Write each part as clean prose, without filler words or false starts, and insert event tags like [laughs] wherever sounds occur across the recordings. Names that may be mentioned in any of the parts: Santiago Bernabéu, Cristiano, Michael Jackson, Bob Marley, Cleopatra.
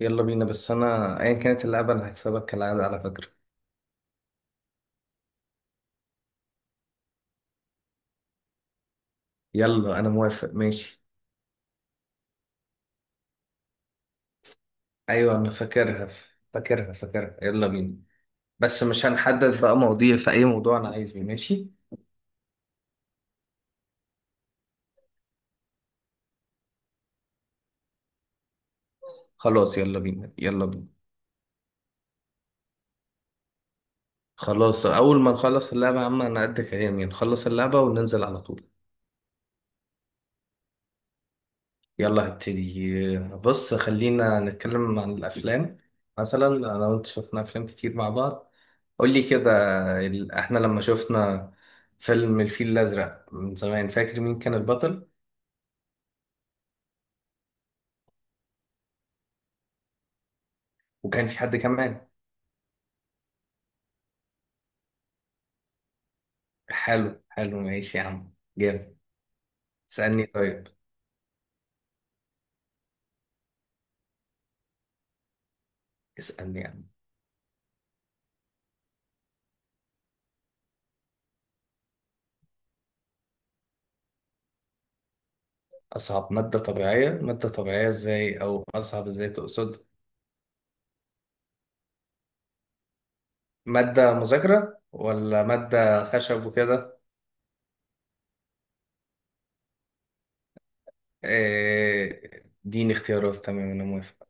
يلا بينا، بس انا ايا كانت اللعبة انا هكسبك كالعادة على فكرة. يلا انا موافق، ماشي. ايوه، انا فاكرها فاكرها فاكرها، يلا بينا. بس مش هنحدد بقى مواضيع، في اي موضوع انا عايزه، ماشي. خلاص يلا بينا يلا بينا. خلاص، اول ما نخلص اللعبة يا عم انا قد كلامي، نخلص اللعبة وننزل على طول. يلا هبتدي، بص خلينا نتكلم عن الأفلام. مثلا أنا وأنت شفنا أفلام كتير مع بعض. قولي كده. إحنا لما شفنا فيلم الفيل الأزرق من زمان، فاكر مين كان البطل؟ وكان في حد كمان؟ حلو حلو، ماشي يا عم، جامد. اسألني طيب. اسألني يا عم. أصعب مادة طبيعية؟ مادة طبيعية إزاي أو أصعب إزاي تقصد؟ مادة مذاكرة ولا مادة خشب وكده؟ إيه، اديني اختيارات، تمام أنا موافق.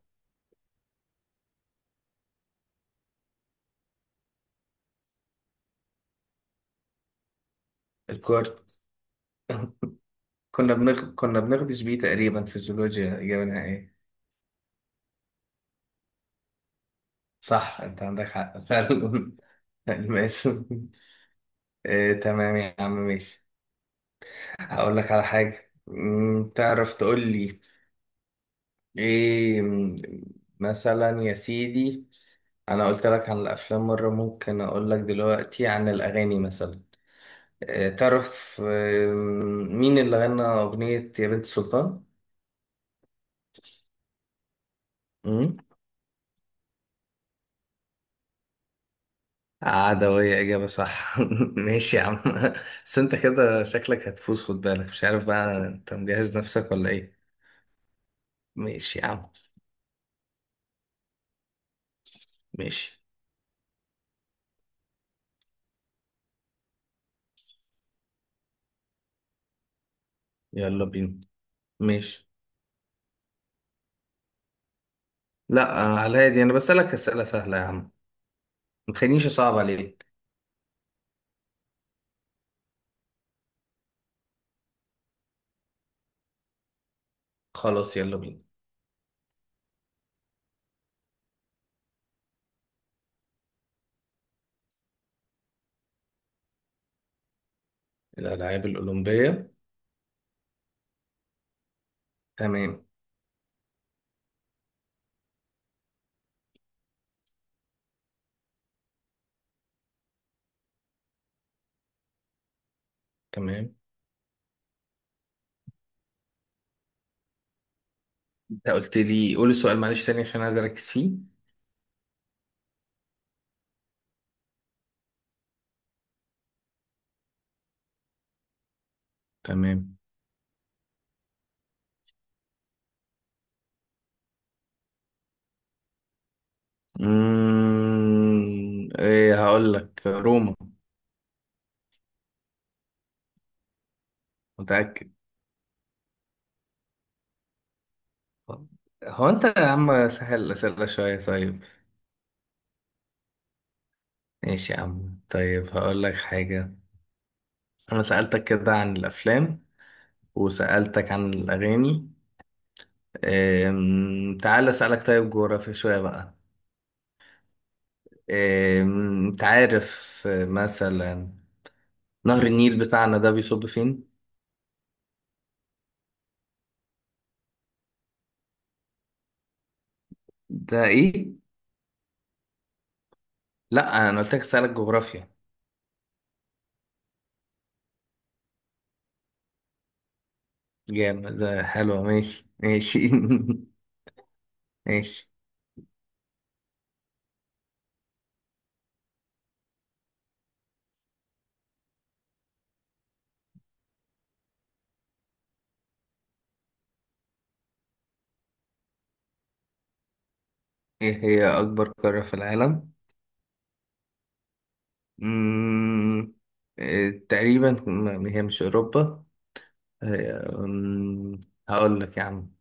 الكورت. [laughs] كنا بنغدش بيه تقريبا في الجيولوجيا، إجابة ايه؟ صح، أنت عندك حق فعلا. [laughs] الماس. إيه، تمام يا عم، ماشي. هقول لك على حاجة، تعرف تقول لي إيه؟ مثلا يا سيدي، أنا قلت لك عن الأفلام مرة، ممكن أقول لك دلوقتي عن الأغاني مثلا. إيه تعرف مين اللي غنى أغنية يا بنت سلطان؟ مم؟ عدوية، إجابة صح. [laughs] ماشي يا عم. بس أنت كده شكلك هتفوز، خد بالك، مش عارف بقى أنت مجهز نفسك ولا إيه. ماشي يا عم، ماشي. يلا بينا، ماشي. لا، على الهادي، أنا بسألك أسئلة سهلة يا عم، ما تخلينيش أصعب عليك. خلاص يلا بينا. الألعاب الأولمبية. تمام. تمام، أنت قلت لي قول السؤال معلش تاني، عشان عايز أركز فيه. تمام. إيه، هقول لك روما. متأكد. طب هو انت يا عم سهل الأسئلة شوية طيب. ماشي يا عم، طيب هقول لك حاجة. أنا سألتك كده عن الأفلام، وسألتك عن الأغاني. تعال أسألك طيب جغرافيا شوية بقى. أنت عارف مثلا نهر النيل بتاعنا ده بيصب فين؟ ده إيه؟ لأ، أنا قلت لك أسألك جغرافيا. جامد، ده حلوة، ماشي ماشي. [laughs] ماشي. إيه هي أكبر قارة في العالم؟ مم، تقريبا هي مش أوروبا. هي هقول لك يا عم،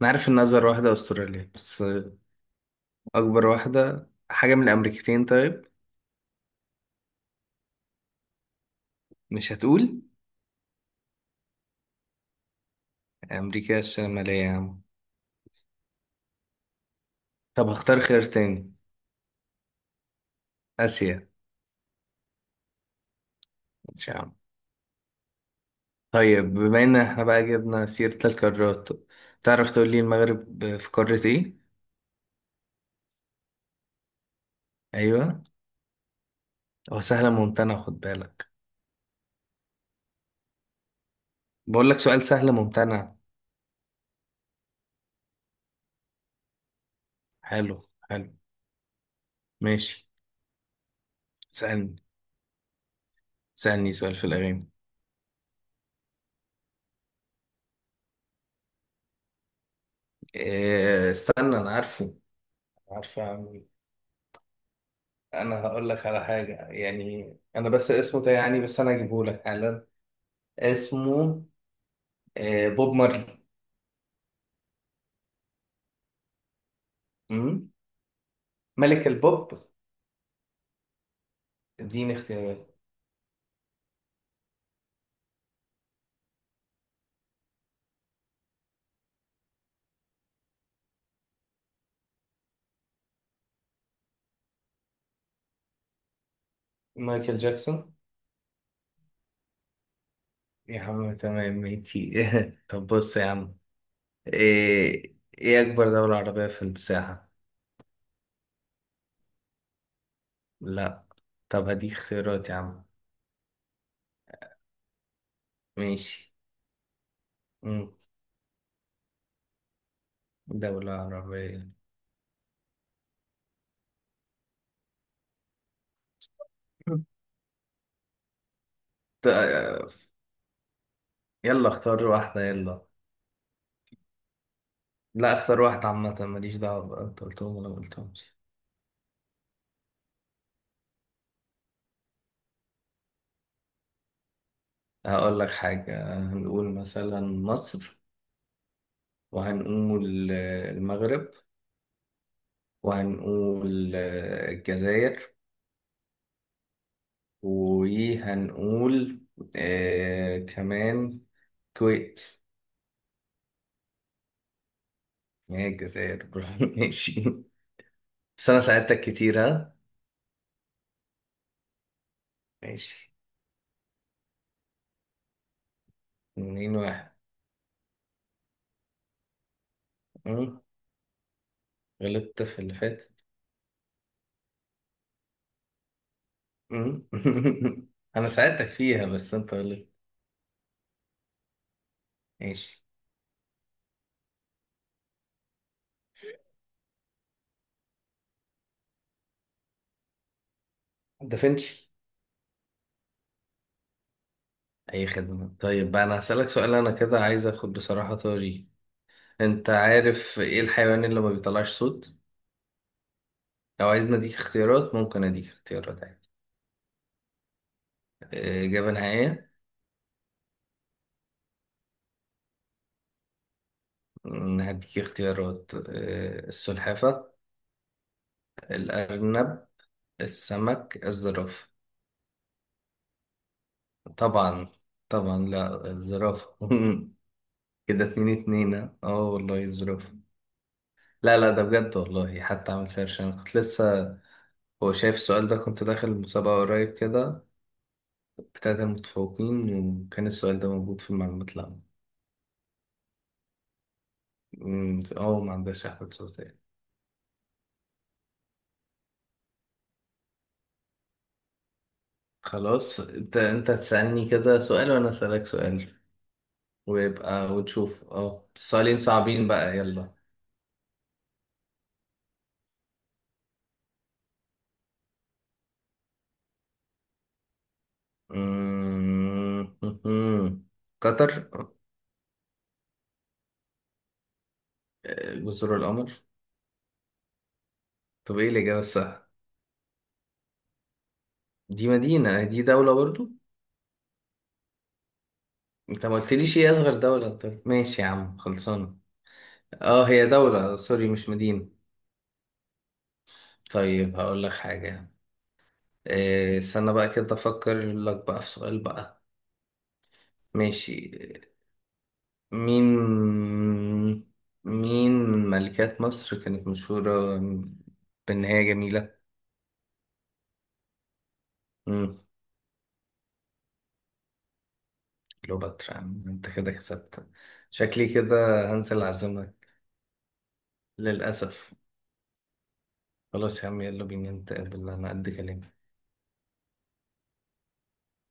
أنا عارف إن أصغر واحدة أستراليا، بس أكبر واحدة حاجة من الأمريكتين، طيب. مش هتقول. أمريكا الشمالية يا عم. طب هختار خيار تاني. آسيا. مش يا عم. طيب، بما إن إحنا بقى جبنا سيرة القارات، تعرف تقول لي المغرب في قارة إيه؟ أيوه. هو سهلة ممتنة، خد بالك. بقول لك سؤال سهل ممتنع. حلو. حلو. ماشي. اسألني. سألني سؤال في الأغاني. إيه، استنى، أنا عارفه. عارفه، أعمل إيه. أنا هقول لك على حاجة يعني، أنا بس اسمه ده يعني، بس أنا أجيبه لك حالا. اسمه إيه؟ بوب مارلي. أمم؟ ملك البوب. اديني اختيارات. مايكل جاكسون. يا عم، تمام، ماشي. [laughs] طب بص يا عم، إيه أكبر دولة عربية في المساحة؟ لا. طب هديك اختيارات يا عم. ماشي. أمم، دولة عربية. [laughs] يلا اختار واحدة يلا. لا، اختار واحدة عامة، ماليش دعوة بقى انت قلتهم ولا ما قلتهمش. هقول لك حاجة، هنقول مثلا مصر، وهنقول المغرب، وهنقول الجزائر، وهنقول كمان كويت. هي الجزائر. [laughs] برافو، ماشي. بس انا ساعدتك كتير، ها. ماشي. 2-1. أمم، غلطت في اللي فاتت. أمم. [laughs] انا ساعدتك فيها بس انت غلطت. ماشي. دافنشي. اي خدمة. طيب بقى انا هسألك سؤال، انا كده عايز اخد بصراحة طاري. انت عارف ايه الحيوان اللي ما بيطلعش صوت؟ لو عايزني اديك اختيارات ممكن اديك اختيارات عادي. آه، اجابة نهائية. هديك اختيارات، السلحفة، الارنب، السمك، الزرافة. طبعا. طبعا لا، الزرافة. [laughs] كده 2-2، ها؟ اه والله، الزرافة. لا لا، ده بجد والله، حتى عملت سيرش انا كنت لسه. هو شايف السؤال ده، كنت داخل المسابقة قريب كده، بتاعت المتفوقين، وكان السؤال ده موجود في المعلومات العامة. اه، ما عندهاش أحمد صوتية. خلاص، انت هتسألني كده سؤال وانا أسألك سؤال، ويبقى ونشوف السؤالين صعبين بقى، يلا. أمم، [laughs] قطر. جزر القمر. طب ايه الإجابة الصح؟ دي مدينة، دي دولة برضو. انت ما قلتليش ايه أصغر دولة، ماشي يا عم، خلصانة. اه، هي دولة، سوري، مش مدينة. طيب هقول لك حاجة. إيه، استنى بقى كده افكر لك بقى في سؤال بقى. ماشي. مين مين من ملكات مصر كانت مشهورة بإن هي جميلة؟ مم. كليوباترا. يا عم، انت كده كسبت. شكلي كده هنسى العزومة. للأسف. خلاص يا عم، يلا بينا نتقابل، أنا قد كلامي.